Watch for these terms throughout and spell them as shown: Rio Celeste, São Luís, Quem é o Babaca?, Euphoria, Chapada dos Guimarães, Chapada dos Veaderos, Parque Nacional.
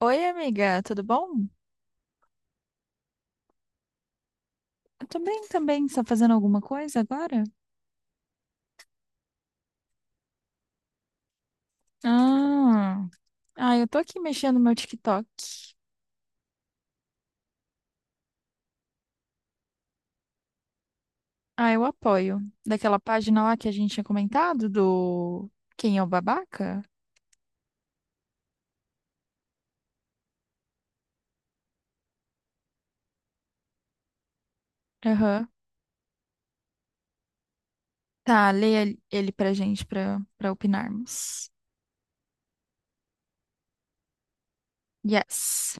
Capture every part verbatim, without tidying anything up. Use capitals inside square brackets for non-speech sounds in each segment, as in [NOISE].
Oi, amiga, tudo bom? Eu tô bem também. Você tá fazendo alguma coisa agora? Ah, ah, eu tô aqui mexendo no meu TikTok. Ah, eu apoio. Daquela página lá que a gente tinha comentado do Quem é o Babaca? Aham. Tá, leia ele ele pra gente pra, pra opinarmos. Yes.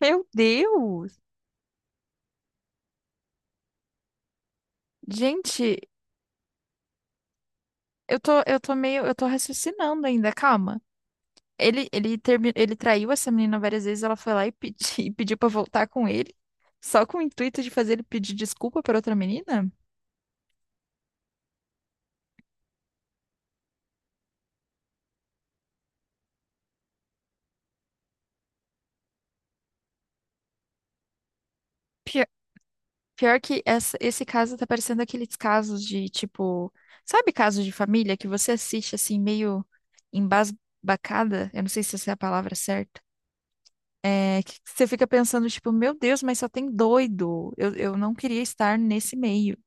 Meu Deus! Gente, eu tô, eu tô meio, eu tô raciocinando ainda, calma. Ele, ele, termi... ele traiu essa menina várias vezes, ela foi lá e, pedi... [LAUGHS] e pediu pra voltar com ele, só com o intuito de fazer ele pedir desculpa pra outra menina? Pior, pior que essa- esse caso tá parecendo aqueles casos de, tipo, sabe casos de família que você assiste assim, meio embasbacada? Eu não sei se essa é a palavra certa. É, que você fica pensando, tipo, meu Deus, mas só tem doido. Eu, eu não queria estar nesse meio.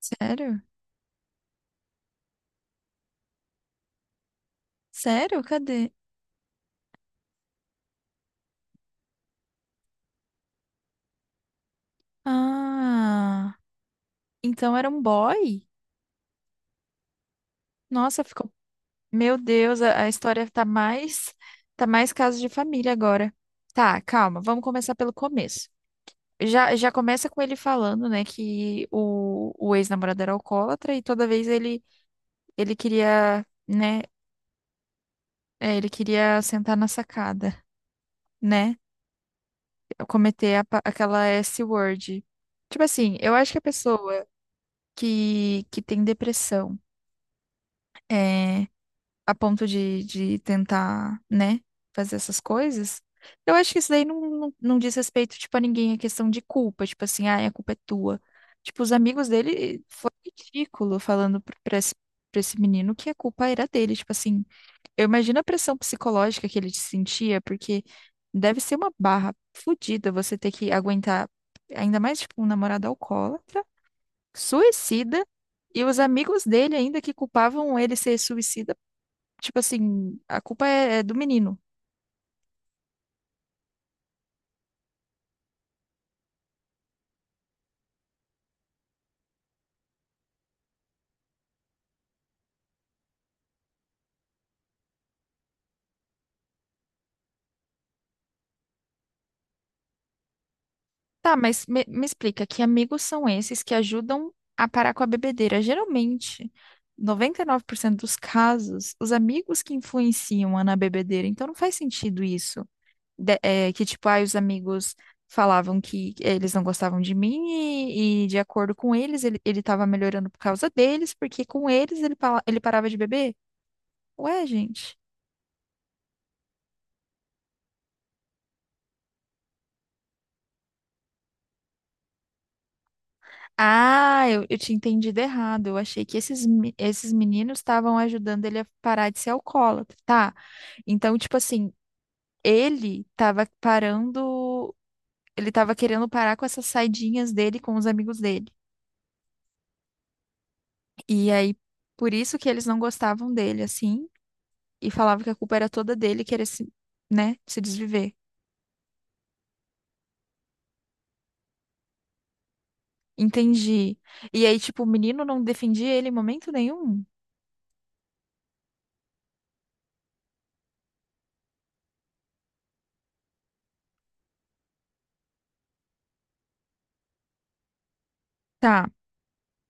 Sério? Sério? Cadê? Ah, então era um boy? Nossa, ficou. Meu Deus, a, a história tá mais tá mais caso de família agora. Tá, calma, vamos começar pelo começo. Já, já começa com ele falando, né, que o, o ex-namorado era alcoólatra e toda vez ele ele queria, né, é, ele queria sentar na sacada, né? Cometer a pa- aquela S-word. Tipo assim, eu acho que a pessoa que que tem depressão é, a ponto de, de tentar, né, fazer essas coisas. Eu acho que isso daí não, não, não diz respeito, tipo, a ninguém, é questão de culpa, tipo assim, ah, a culpa é tua. Tipo, os amigos dele foi ridículo falando pra pra esse, pra esse menino que a culpa era dele, tipo assim, eu imagino a pressão psicológica que ele sentia, porque deve ser uma barra fodida você ter que aguentar, ainda mais, tipo, um namorado alcoólatra, suicida, e os amigos dele ainda que culpavam ele ser suicida. Tipo assim, a culpa é, é do menino. Tá, mas me, me explica, que amigos são esses que ajudam a parar com a bebedeira? Geralmente, noventa e nove por cento dos casos, os amigos que influenciam a na bebedeira. Então não faz sentido isso. De- é, que tipo, ai, os amigos falavam que eles não gostavam de mim e, e de acordo com eles, ele, ele tava melhorando por causa deles, porque com eles ele, pala- ele parava de beber? Ué, gente. Ah, eu, eu tinha entendido errado. Eu achei que esses, me- esses meninos estavam ajudando ele a parar de ser alcoólatra. Tá. Então, tipo assim, ele tava parando. Ele tava querendo parar com essas saidinhas dele com os amigos dele. E aí, por isso que eles não gostavam dele, assim, e falavam que a culpa era toda dele querer se, né, se desviver. Entendi. E aí, tipo, o menino não defendia ele em momento nenhum. Tá,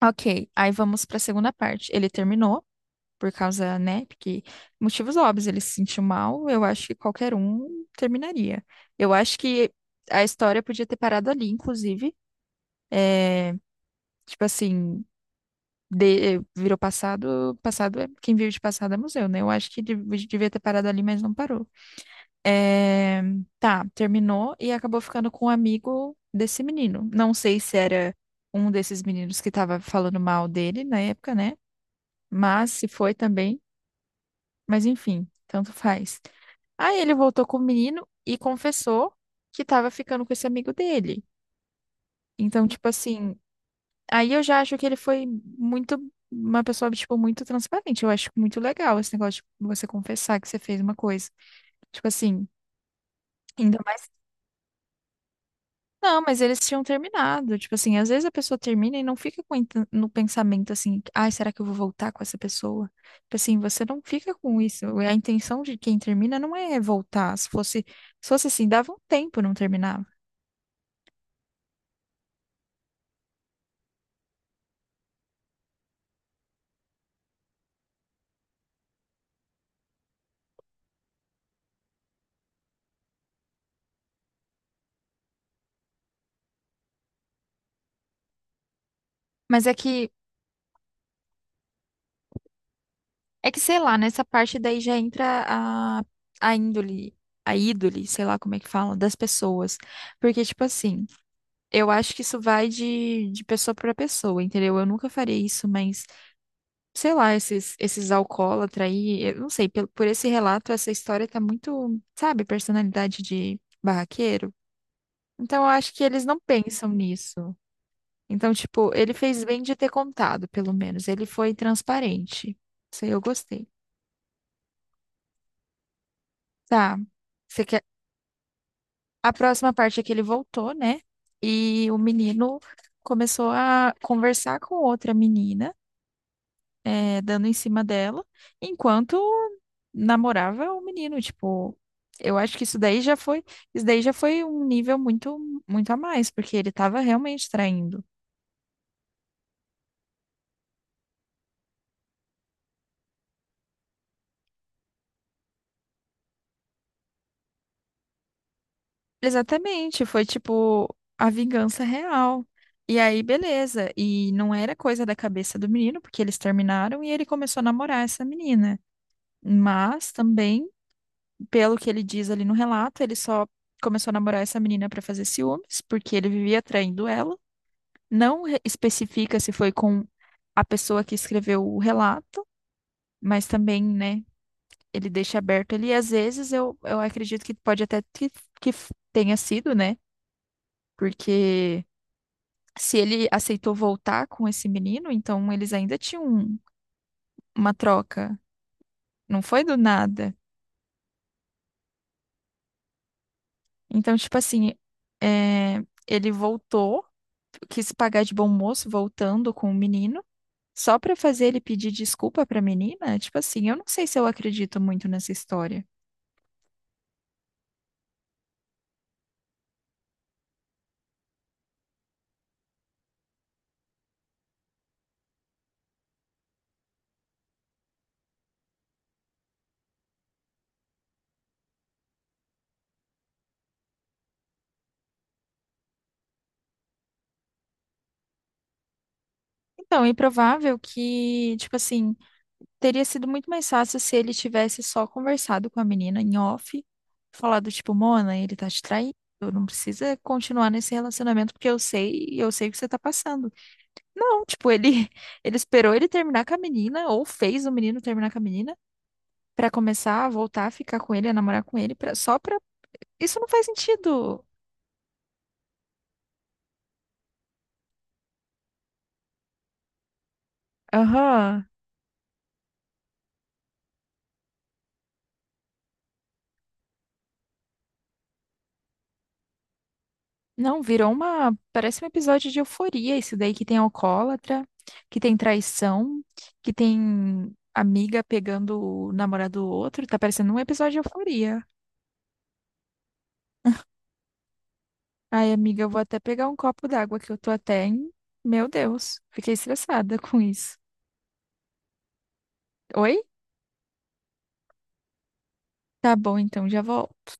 ok. Aí vamos pra segunda parte. Ele terminou por causa, né? Porque motivos óbvios, ele se sentiu mal, eu acho que qualquer um terminaria. Eu acho que a história podia ter parado ali, inclusive. É, tipo assim, de- virou passado, passado é quem vive de passado é museu, né? Eu acho que dev- devia ter parado ali, mas não parou. É, tá, terminou e acabou ficando com um amigo desse menino. Não sei se era um desses meninos que tava falando mal dele na época, né? Mas se foi também. Mas enfim, tanto faz. Aí ele voltou com o menino e confessou que tava ficando com esse amigo dele. Então, tipo assim, aí eu já acho que ele foi muito, uma pessoa, tipo, muito transparente. Eu acho muito legal esse negócio de você confessar que você fez uma coisa. Tipo assim, ainda mais. Não, mas eles tinham terminado. Tipo assim, às vezes a pessoa termina e não fica com int- no pensamento assim, ai, será que eu vou voltar com essa pessoa? Tipo assim, você não fica com isso. A intenção de quem termina não é voltar. Se fosse, se fosse assim, dava um tempo, não terminava. Mas é que, é que sei lá, nessa parte daí já entra a, a índole, a ídole, sei lá como é que fala, das pessoas. Porque, tipo assim, eu acho que isso vai de, de pessoa para pessoa, entendeu? Eu nunca faria isso, mas. Sei lá, esses, esses alcoólatra aí, eu não sei, pelo, por esse relato, essa história tá muito, sabe, personalidade de barraqueiro. Então, eu acho que eles não pensam nisso. Então, tipo, ele fez bem de ter contado, pelo menos. Ele foi transparente. Isso aí eu gostei. Tá. Você quer... A próxima parte é que ele voltou, né? E o menino começou a conversar com outra menina. É, dando em cima dela, enquanto namorava o menino, tipo, eu acho que isso daí já foi, isso daí já foi um nível muito, muito a mais, porque ele tava realmente traindo. Exatamente, foi tipo a vingança real. E aí, beleza, e não era coisa da cabeça do menino, porque eles terminaram e ele começou a namorar essa menina. Mas também, pelo que ele diz ali no relato, ele só começou a namorar essa menina para fazer ciúmes, porque ele vivia traindo ela. Não re- especifica se foi com a pessoa que escreveu o relato, mas também, né, ele deixa aberto ali. Às vezes eu, eu acredito que pode até que, que f- tenha sido, né? Porque se ele aceitou voltar com esse menino, então eles ainda tinham um- uma troca. Não foi do nada. Então, tipo assim, é, ele voltou, quis pagar de bom moço voltando com o menino. Só pra fazer ele pedir desculpa pra menina? Tipo assim, eu não sei se eu acredito muito nessa história. Então, é improvável que, tipo assim, teria sido muito mais fácil se ele tivesse só conversado com a menina em off, falado, tipo, Mona, ele tá te traindo, não precisa continuar nesse relacionamento porque eu sei, eu sei o que você tá passando. Não, tipo, ele, [LAUGHS] ele esperou ele terminar com a menina, ou fez o menino terminar com a menina, pra começar a voltar a ficar com ele, a namorar com ele, pra- só pra. Isso não faz sentido. Aham. Não, virou uma. Parece um episódio de euforia, isso daí que tem alcoólatra, que tem traição, que tem amiga pegando o namorado do outro. Tá parecendo um episódio de euforia. Ai, amiga, eu vou até pegar um copo d'água que eu tô até em. Meu Deus, fiquei estressada [LAUGHS] com isso. Oi? Tá bom, então já volto.